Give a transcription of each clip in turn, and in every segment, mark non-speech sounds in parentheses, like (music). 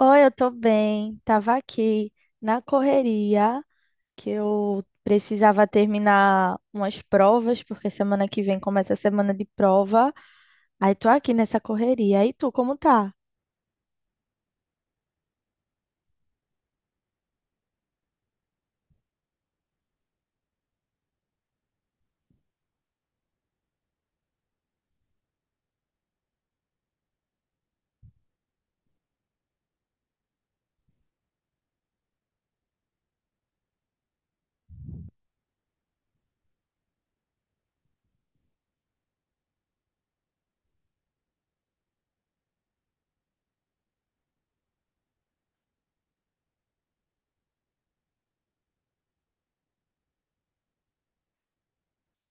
Oi, eu tô bem. Tava aqui na correria que eu precisava terminar umas provas, porque semana que vem começa a semana de prova. Aí tô aqui nessa correria. E tu, como tá?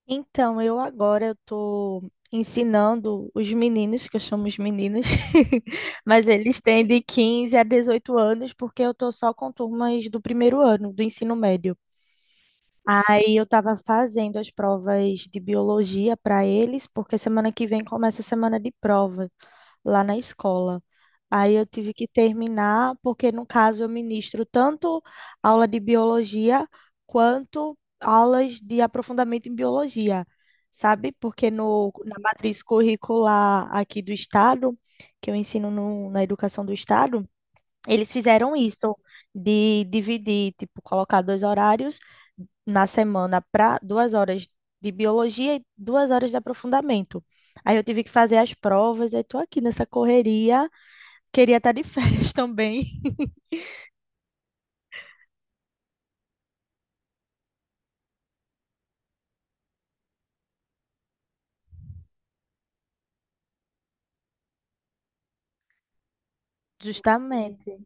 Então, eu agora eu tô ensinando os meninos, que eu chamo os meninos, (laughs) mas eles têm de 15 a 18 anos, porque eu tô só com turmas do primeiro ano, do ensino médio. Aí eu estava fazendo as provas de biologia para eles, porque semana que vem começa a semana de prova lá na escola. Aí eu tive que terminar, porque no caso eu ministro tanto aula de biologia quanto aulas de aprofundamento em biologia, sabe? Porque no, na matriz curricular aqui do estado, que eu ensino na educação do estado, eles fizeram isso de dividir, tipo, colocar dois horários na semana para duas horas de biologia e duas horas de aprofundamento. Aí eu tive que fazer as provas, aí tô aqui nessa correria. Queria estar de férias (laughs) também. Justamente.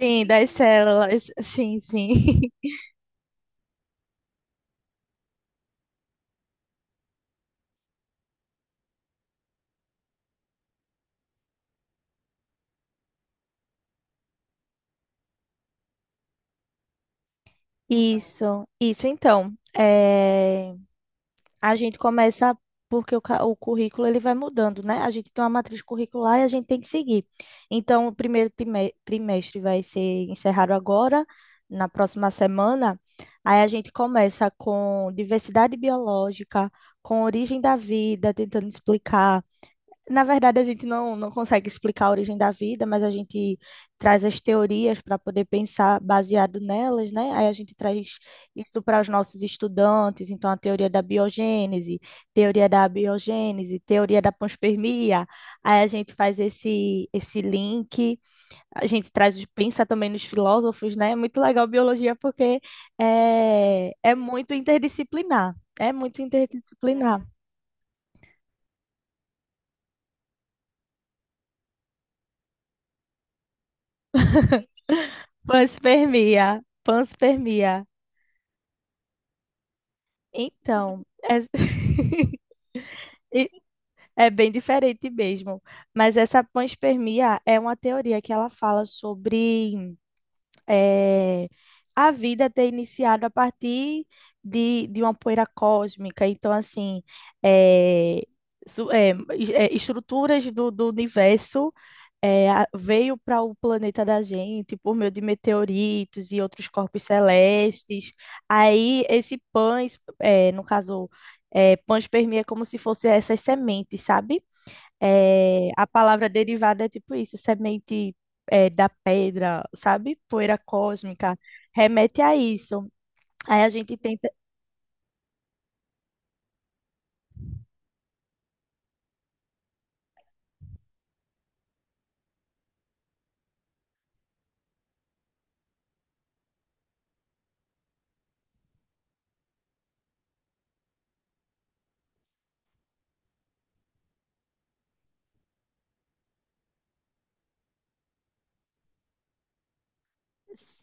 Sim, das células. Sim, sim. (laughs) Isso então. A gente começa porque o currículo ele vai mudando, né? A gente tem uma matriz curricular e a gente tem que seguir. Então, o trimestre vai ser encerrado agora, na próxima semana. Aí a gente começa com diversidade biológica, com origem da vida, tentando explicar na verdade, a gente não consegue explicar a origem da vida, mas a gente traz as teorias para poder pensar baseado nelas, né? Aí a gente traz isso para os nossos estudantes, então a teoria da biogênese, teoria da abiogênese, teoria da panspermia. Aí a gente faz esse link, a gente pensa também nos filósofos, né? É muito legal biologia porque é muito interdisciplinar, é muito interdisciplinar. Panspermia, panspermia. Então, (laughs) e- é bem diferente mesmo. Mas essa panspermia é uma teoria que ela fala sobre eh, a vida ter iniciado a partir de uma poeira cósmica. Então, assim, eh, estruturas do universo veio para o planeta da gente por meio de meteoritos e outros corpos celestes. Aí esse pães, é, no caso, é, panspermia é como se fosse essas sementes, sabe? É, a palavra derivada é tipo isso, semente é, da pedra, sabe? Poeira cósmica, remete a isso. Aí a gente tenta,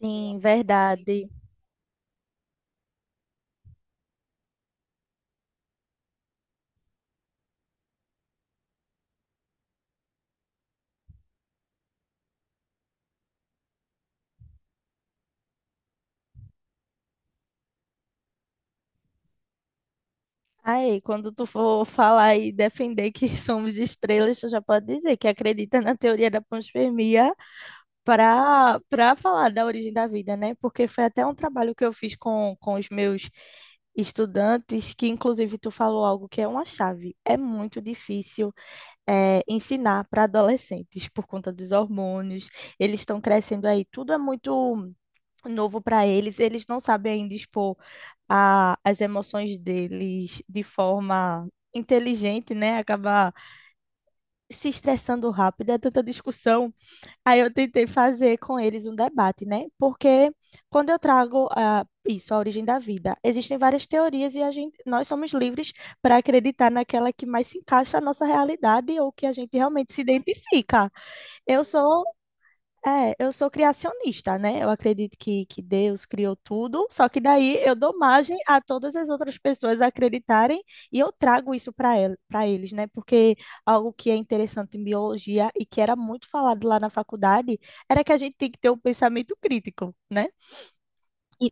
sim, verdade. Aí, quando tu for falar e defender que (laughs) somos estrelas, tu já pode dizer que acredita na teoria da panspermia para falar da origem da vida, né? Porque foi até um trabalho que eu fiz com os meus estudantes, que inclusive tu falou algo que é uma chave. É muito difícil ensinar para adolescentes por conta dos hormônios, eles estão crescendo aí, tudo é muito novo para eles, eles não sabem ainda expor as emoções deles de forma inteligente, né? Acaba se estressando rápido, é tanta discussão. Aí eu tentei fazer com eles um debate, né? Porque quando eu trago ah, isso, a origem da vida, existem várias teorias e a gente, nós somos livres para acreditar naquela que mais se encaixa à nossa realidade ou que a gente realmente se identifica. Eu sou eu sou criacionista, né? Eu acredito que Deus criou tudo, só que daí eu dou margem a todas as outras pessoas acreditarem e eu trago isso para eles, né? Porque algo que é interessante em biologia e que era muito falado lá na faculdade era que a gente tem que ter um pensamento crítico, né? E-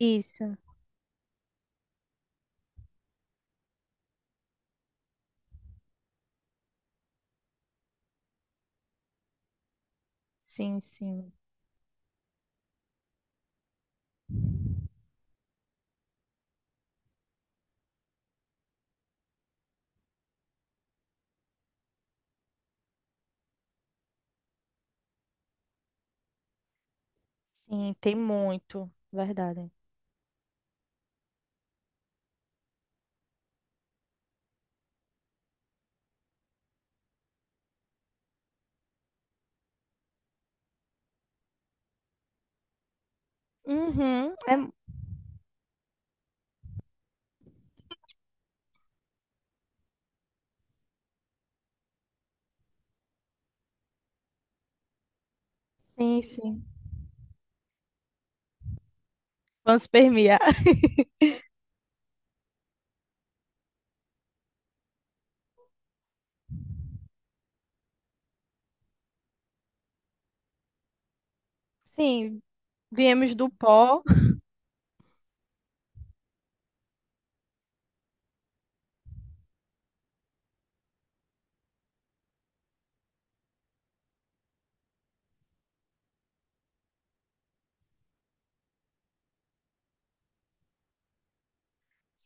Isso, sim, sim, sim, tem muito, verdade. Uhum, é, sim, sim. Panspermia. (laughs) Sim, viemos do pó.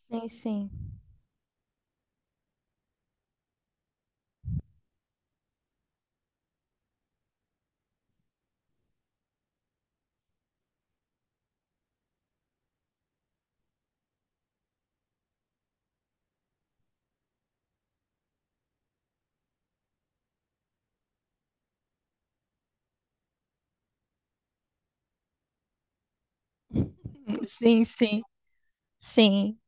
Sim, sim. Sim, sim, sim,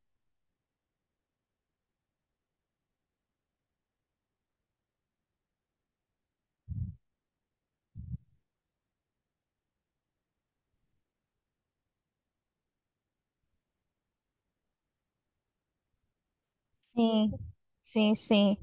sim, sim, sim.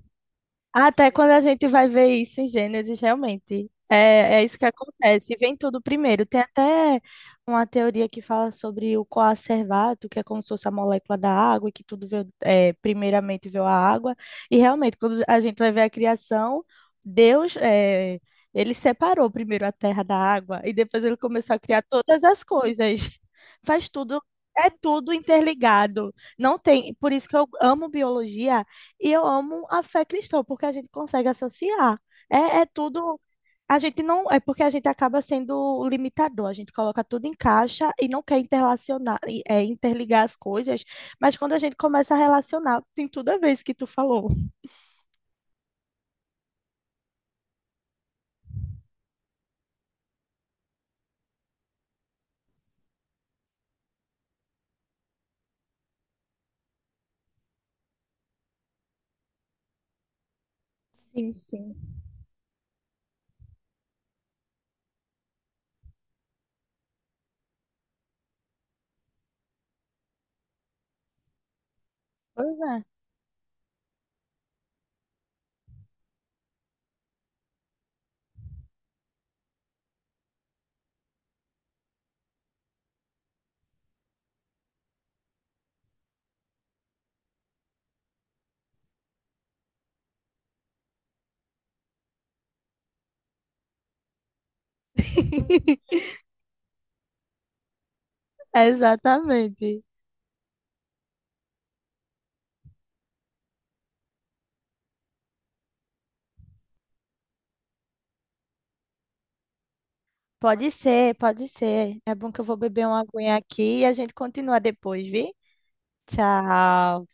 Até quando a gente vai ver isso em Gênesis, realmente. É, é isso que acontece. Vem tudo primeiro. Tem até uma teoria que fala sobre o coacervato, que é como se fosse a molécula da água, e que tudo veio, é, primeiramente veio a água. E realmente, quando a gente vai ver a criação, Deus, é, ele separou primeiro a terra da água e depois ele começou a criar todas as coisas. (laughs) Faz tudo, é tudo interligado. Não tem, por isso que eu amo biologia e eu amo a fé cristã, porque a gente consegue associar. É, é tudo. A gente não. É porque a gente acaba sendo limitador. A gente coloca tudo em caixa e não quer interlacionar, interligar as coisas. Mas quando a gente começa a relacionar, tem tudo a ver isso que tu falou. Sim, sim. Pois é. (laughs) Exatamente. Pode ser, pode ser. É bom que eu vou beber uma aguinha aqui e a gente continua depois, vi? Tchau.